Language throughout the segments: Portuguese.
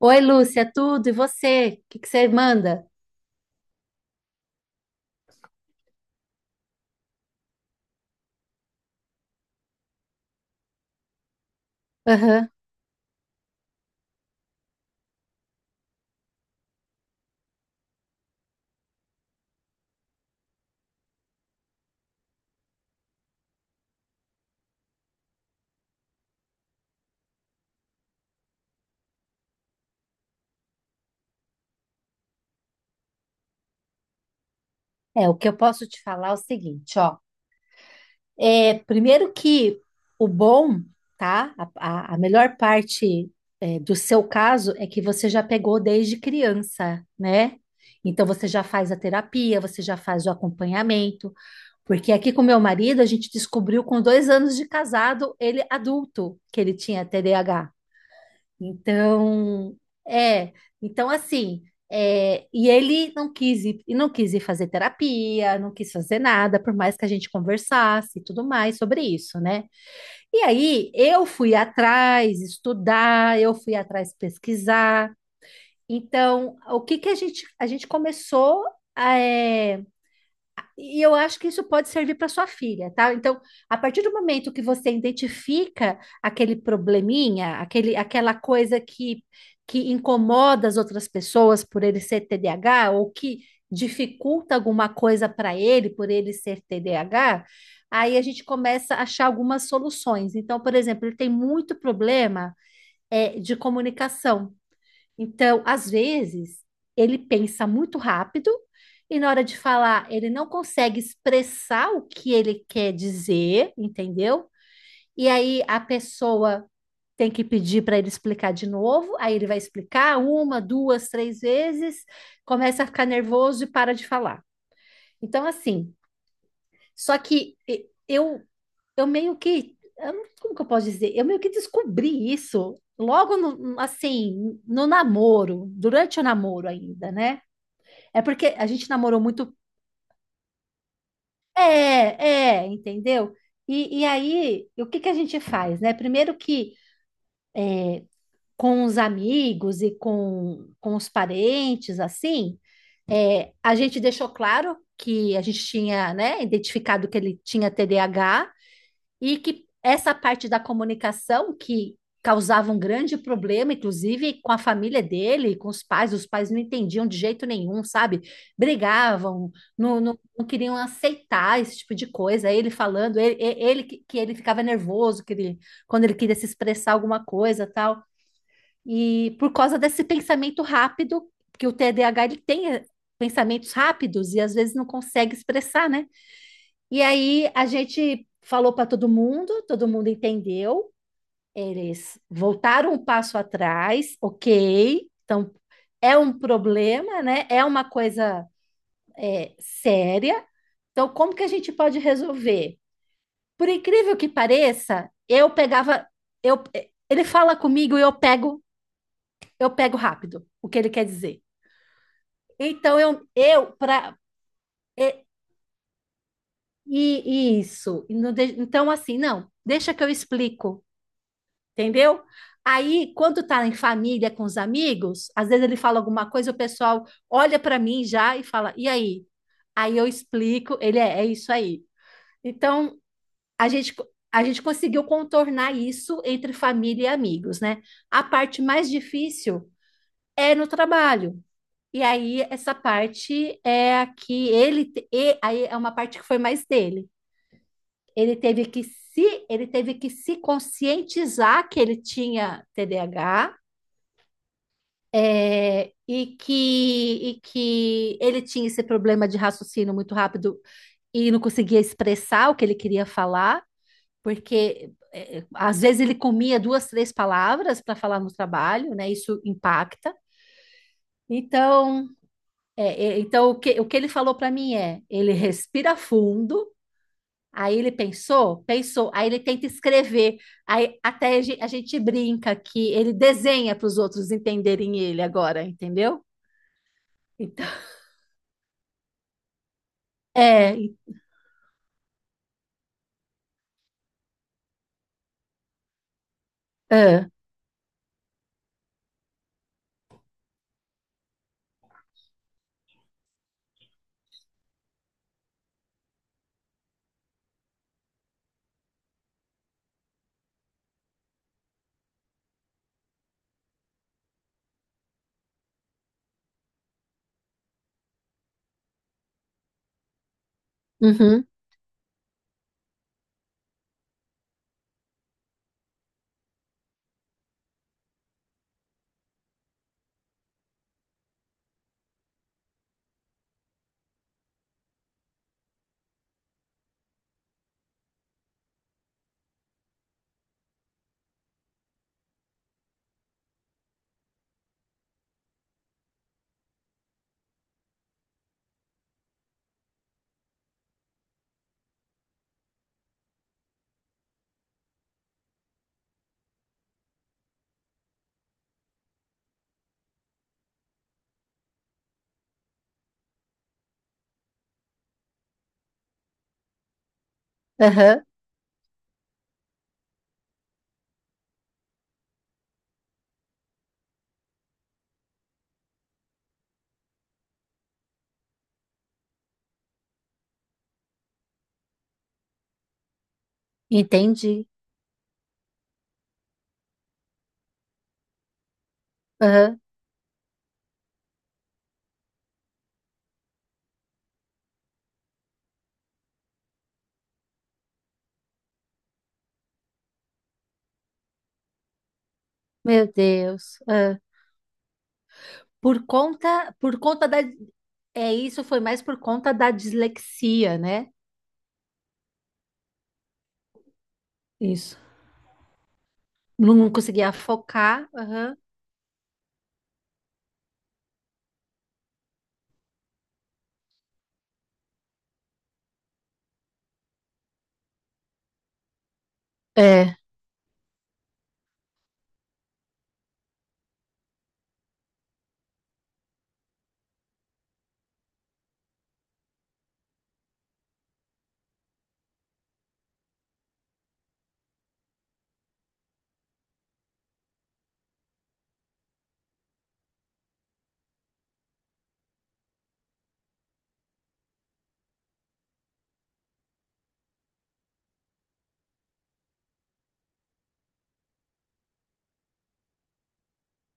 Oi, Lúcia, tudo? E você? O que que você manda? Aham. É, o que eu posso te falar é o seguinte, ó. É, primeiro que o bom, tá? A melhor parte, do seu caso é que você já pegou desde criança, né? Então você já faz a terapia, você já faz o acompanhamento. Porque aqui com meu marido a gente descobriu com 2 anos de casado, ele adulto, que ele tinha TDAH. Então, é, então assim, e ele não quis ir, e não quis ir fazer terapia, não quis fazer nada, por mais que a gente conversasse e tudo mais sobre isso, né? E aí eu fui atrás estudar, eu fui atrás pesquisar. Então, o que que a gente começou é, e eu acho que isso pode servir para sua filha, tá? Então, a partir do momento que você identifica aquele probleminha, aquele, aquela coisa que incomoda as outras pessoas por ele ser TDAH, ou que dificulta alguma coisa para ele por ele ser TDAH, aí a gente começa a achar algumas soluções. Então, por exemplo, ele tem muito problema de comunicação. Então, às vezes, ele pensa muito rápido e na hora de falar, ele não consegue expressar o que ele quer dizer, entendeu? E aí a pessoa tem que pedir para ele explicar de novo, aí ele vai explicar uma, duas, três vezes, começa a ficar nervoso e para de falar. Então, assim, só que eu meio que, eu não- como que eu posso dizer? Eu meio que descobri isso logo no, assim, no namoro, durante o namoro ainda, né? É porque a gente namorou muito, entendeu? E aí, o que que a gente faz, né? Primeiro que com os amigos e com os parentes, assim, a gente deixou claro que a gente tinha, né, identificado que ele tinha TDAH, e que essa parte da comunicação que causava um grande problema, inclusive com a família dele, com os pais não entendiam de jeito nenhum, sabe? Brigavam, não, não, não queriam aceitar esse tipo de coisa. Ele falando, ele que ele ficava nervoso, que ele, quando ele queria se expressar alguma coisa, tal. E por causa desse pensamento rápido, porque o TDAH ele tem pensamentos rápidos e às vezes não consegue expressar, né? E aí a gente falou para todo mundo entendeu. Eles voltaram um passo atrás, ok. Então é um problema, né? É uma coisa séria. Então, como que a gente pode resolver? Por incrível que pareça, eu pegava, eu, ele fala comigo e eu pego rápido o que ele quer dizer. Então eu para e isso. Então assim, não, deixa que eu explico. Entendeu? Aí, quando tá em família com os amigos, às vezes ele fala alguma coisa, o pessoal olha para mim já e fala: "E aí?". Aí eu explico, ele é isso aí. Então, a gente a gente conseguiu contornar isso entre família e amigos, né? A parte mais difícil é no trabalho. E aí essa parte é a que e aí é uma parte que foi mais dele. Ele teve que se conscientizar que ele tinha TDAH. É, e que, e que ele tinha esse problema de raciocínio muito rápido e não conseguia expressar o que ele queria falar, porque às vezes ele comia duas, três palavras para falar no trabalho, né? Isso impacta. Então, é, então o que ele falou para mim é: ele respira fundo, aí ele pensou, pensou, aí ele tenta escrever, aí até a gente brinca que ele desenha para os outros entenderem ele agora, entendeu? Então, é, Ah, uhum, aham, entendi. Aham, meu Deus. Ah. Por conta, por conta da, é isso, foi mais por conta da dislexia, né? Isso. Não conseguia focar. Aham. É,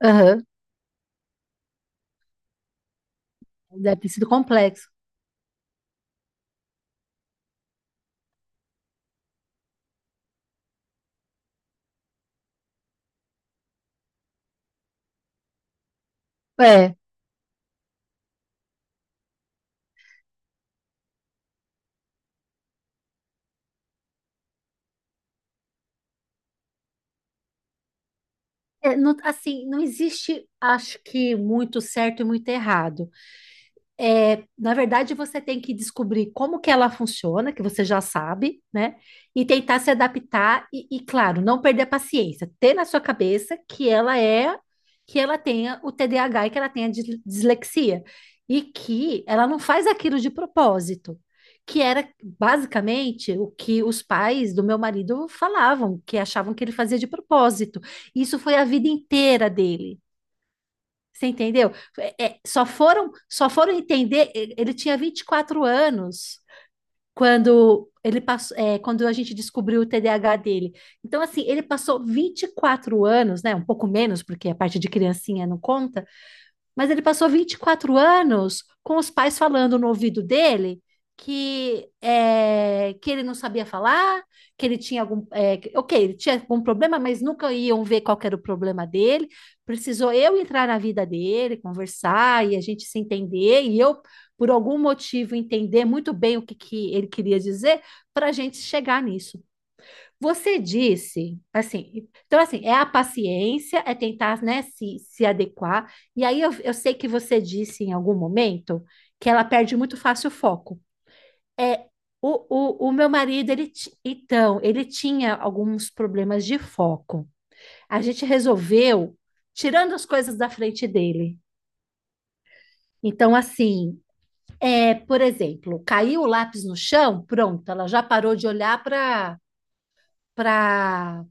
aham. Deve ter sido complexo. É. É, assim, não existe, acho que, muito certo e muito errado. É, na verdade, você tem que descobrir como que ela funciona, que você já sabe, né? E tentar se adaptar e, claro, não perder a paciência. Ter na sua cabeça que ela tenha o TDAH e que ela tenha dislexia. E que ela não faz aquilo de propósito. Que era basicamente o que os pais do meu marido falavam, que achavam que ele fazia de propósito. Isso foi a vida inteira dele. Você entendeu? É, é, só foram entender. Ele tinha 24 anos quando ele passou, quando a gente descobriu o TDAH dele. Então, assim, ele passou 24 anos, né? Um pouco menos, porque a parte de criancinha não conta, mas ele passou 24 anos com os pais falando no ouvido dele que ele não sabia falar, que ele tinha algum. Ok, ele tinha algum problema, mas nunca iam ver qual que era o problema dele. Precisou eu entrar na vida dele, conversar e a gente se entender, e eu, por algum motivo, entender muito bem o que, que ele queria dizer para a gente chegar nisso. Você disse, assim, então assim, é a paciência, é tentar, né, se adequar. E aí eu sei que você disse em algum momento que ela perde muito fácil o foco. É o meu marido, então, ele tinha alguns problemas de foco. A gente resolveu tirando as coisas da frente dele. Então, assim, é, por exemplo, caiu o lápis no chão, pronto, ela já parou de olhar para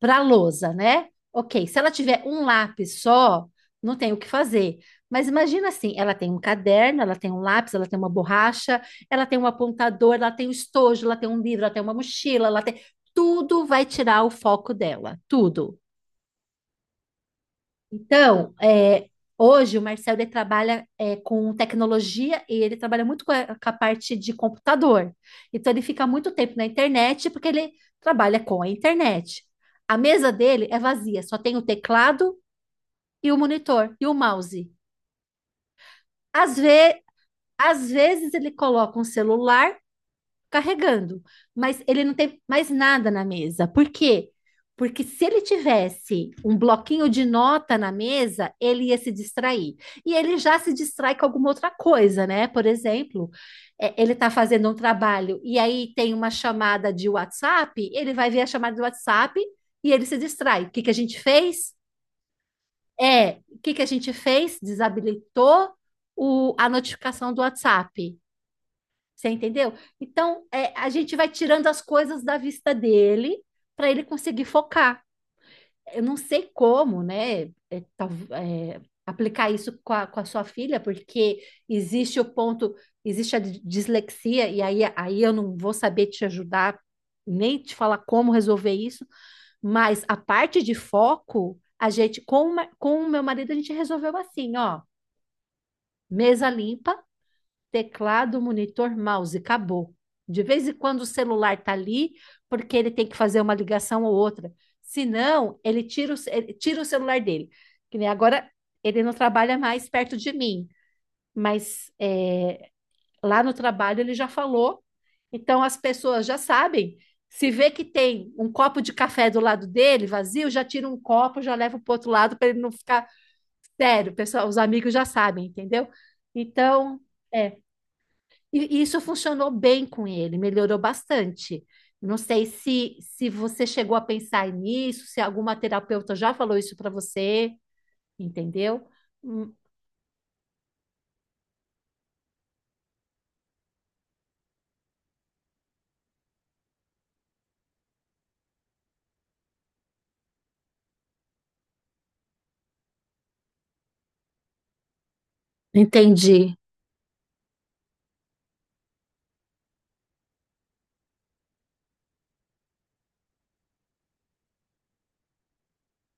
para a lousa, né? Ok, se ela tiver um lápis só, não tem o que fazer. Mas imagina assim, ela tem um caderno, ela tem um lápis, ela tem uma borracha, ela tem um apontador, ela tem um estojo, ela tem um livro, ela tem uma mochila, ela tem... Tudo vai tirar o foco dela, tudo. Então, hoje o Marcelo ele trabalha com tecnologia e ele trabalha muito com a parte de computador. Então, ele fica muito tempo na internet porque ele trabalha com a internet. A mesa dele é vazia, só tem o teclado e o monitor e o mouse. Às ve- às vezes ele coloca um celular carregando, mas ele não tem mais nada na mesa. Por quê? Porque se ele tivesse um bloquinho de nota na mesa, ele ia se distrair. E ele já se distrai com alguma outra coisa, né? Por exemplo, ele está fazendo um trabalho e aí tem uma chamada de WhatsApp, ele vai ver a chamada do WhatsApp e ele se distrai. O que que a gente fez? É, o que que a gente fez? Desabilitou a notificação do WhatsApp. Você entendeu? Então, a gente vai tirando as coisas da vista dele para ele conseguir focar. Eu não sei como, né? Aplicar isso com a sua filha, porque existe o ponto, existe a dislexia, e aí eu não vou saber te ajudar, nem te falar como resolver isso, mas a parte de foco, a gente, com o meu marido, a gente resolveu assim, ó, mesa limpa teclado, monitor, mouse, acabou. De vez em quando o celular tá ali, porque ele tem que fazer uma ligação ou outra. Senão, ele tira o celular dele. Que nem agora ele não trabalha mais perto de mim, mas lá no trabalho ele já falou. Então as pessoas já sabem. Se vê que tem um copo de café do lado dele, vazio, já tira um copo, já leva para o outro lado para ele não ficar sério. Pessoal, os amigos já sabem, entendeu? Então, é, e isso funcionou bem com ele, melhorou bastante. Não sei se, se você chegou a pensar nisso, se alguma terapeuta já falou isso para você, entendeu? Hum, Entendi.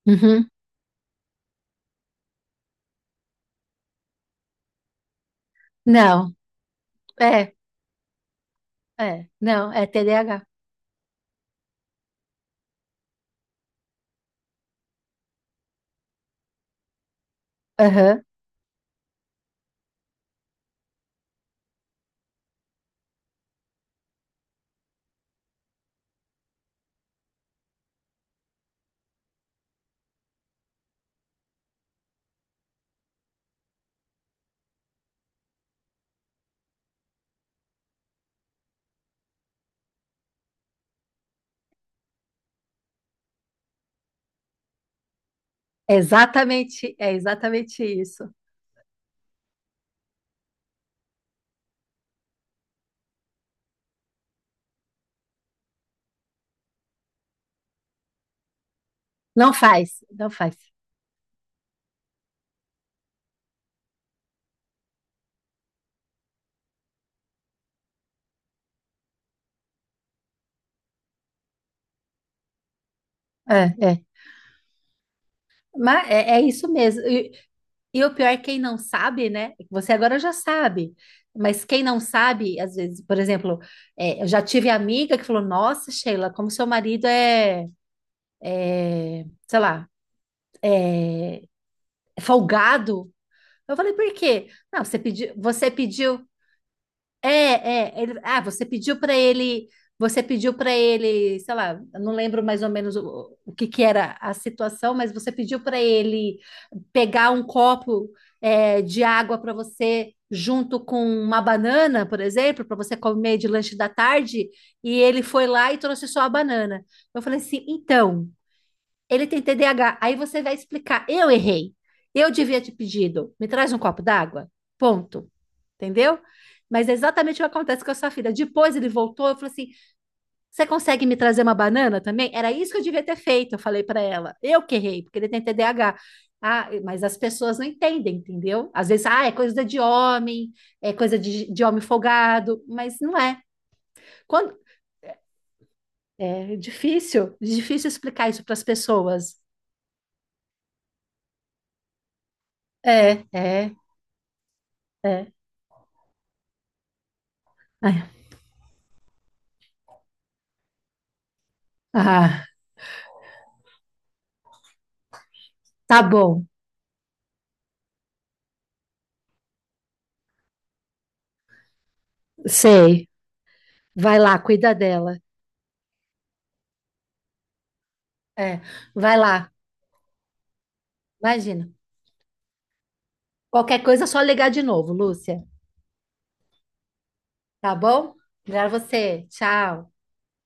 Uhum. Não, é, não, é TDAH. Aham. É exatamente isso. Não faz, não faz. É, é. Mas é isso mesmo. E o pior é quem não sabe, né? Você agora já sabe. Mas quem não sabe, às vezes, por exemplo, eu já tive amiga que falou: Nossa, Sheila, como seu marido é, sei lá, é folgado. Eu falei: Por quê? Não, você pediu, você pediu É, é, ele- ah, você pediu para ele, você pediu para ele, sei lá, eu não lembro mais ou menos o que que era a situação, mas você pediu para ele pegar um copo de água para você junto com uma banana, por exemplo, para você comer de lanche da tarde, e ele foi lá e trouxe só a banana. Eu falei assim, então, ele tem TDAH. Aí você vai explicar, eu errei, eu devia ter pedido, me traz um copo d'água, ponto. Entendeu? Mas é exatamente o que acontece com a sua filha. Depois ele voltou, eu falei assim: você consegue me trazer uma banana também? Era isso que eu devia ter feito, eu falei para ela. Eu que errei, porque ele tem TDAH. Ah, mas as pessoas não entendem, entendeu? Às vezes, ah, é coisa de homem, é coisa de homem folgado, mas não é. Quando, é difícil, difícil explicar isso para as pessoas. É, é, é. É. Ah, tá bom, sei. Vai lá, cuida dela. É, vai lá, imagina. Qualquer coisa é só ligar de novo, Lúcia. Tá bom? Obrigada a você. Tchau.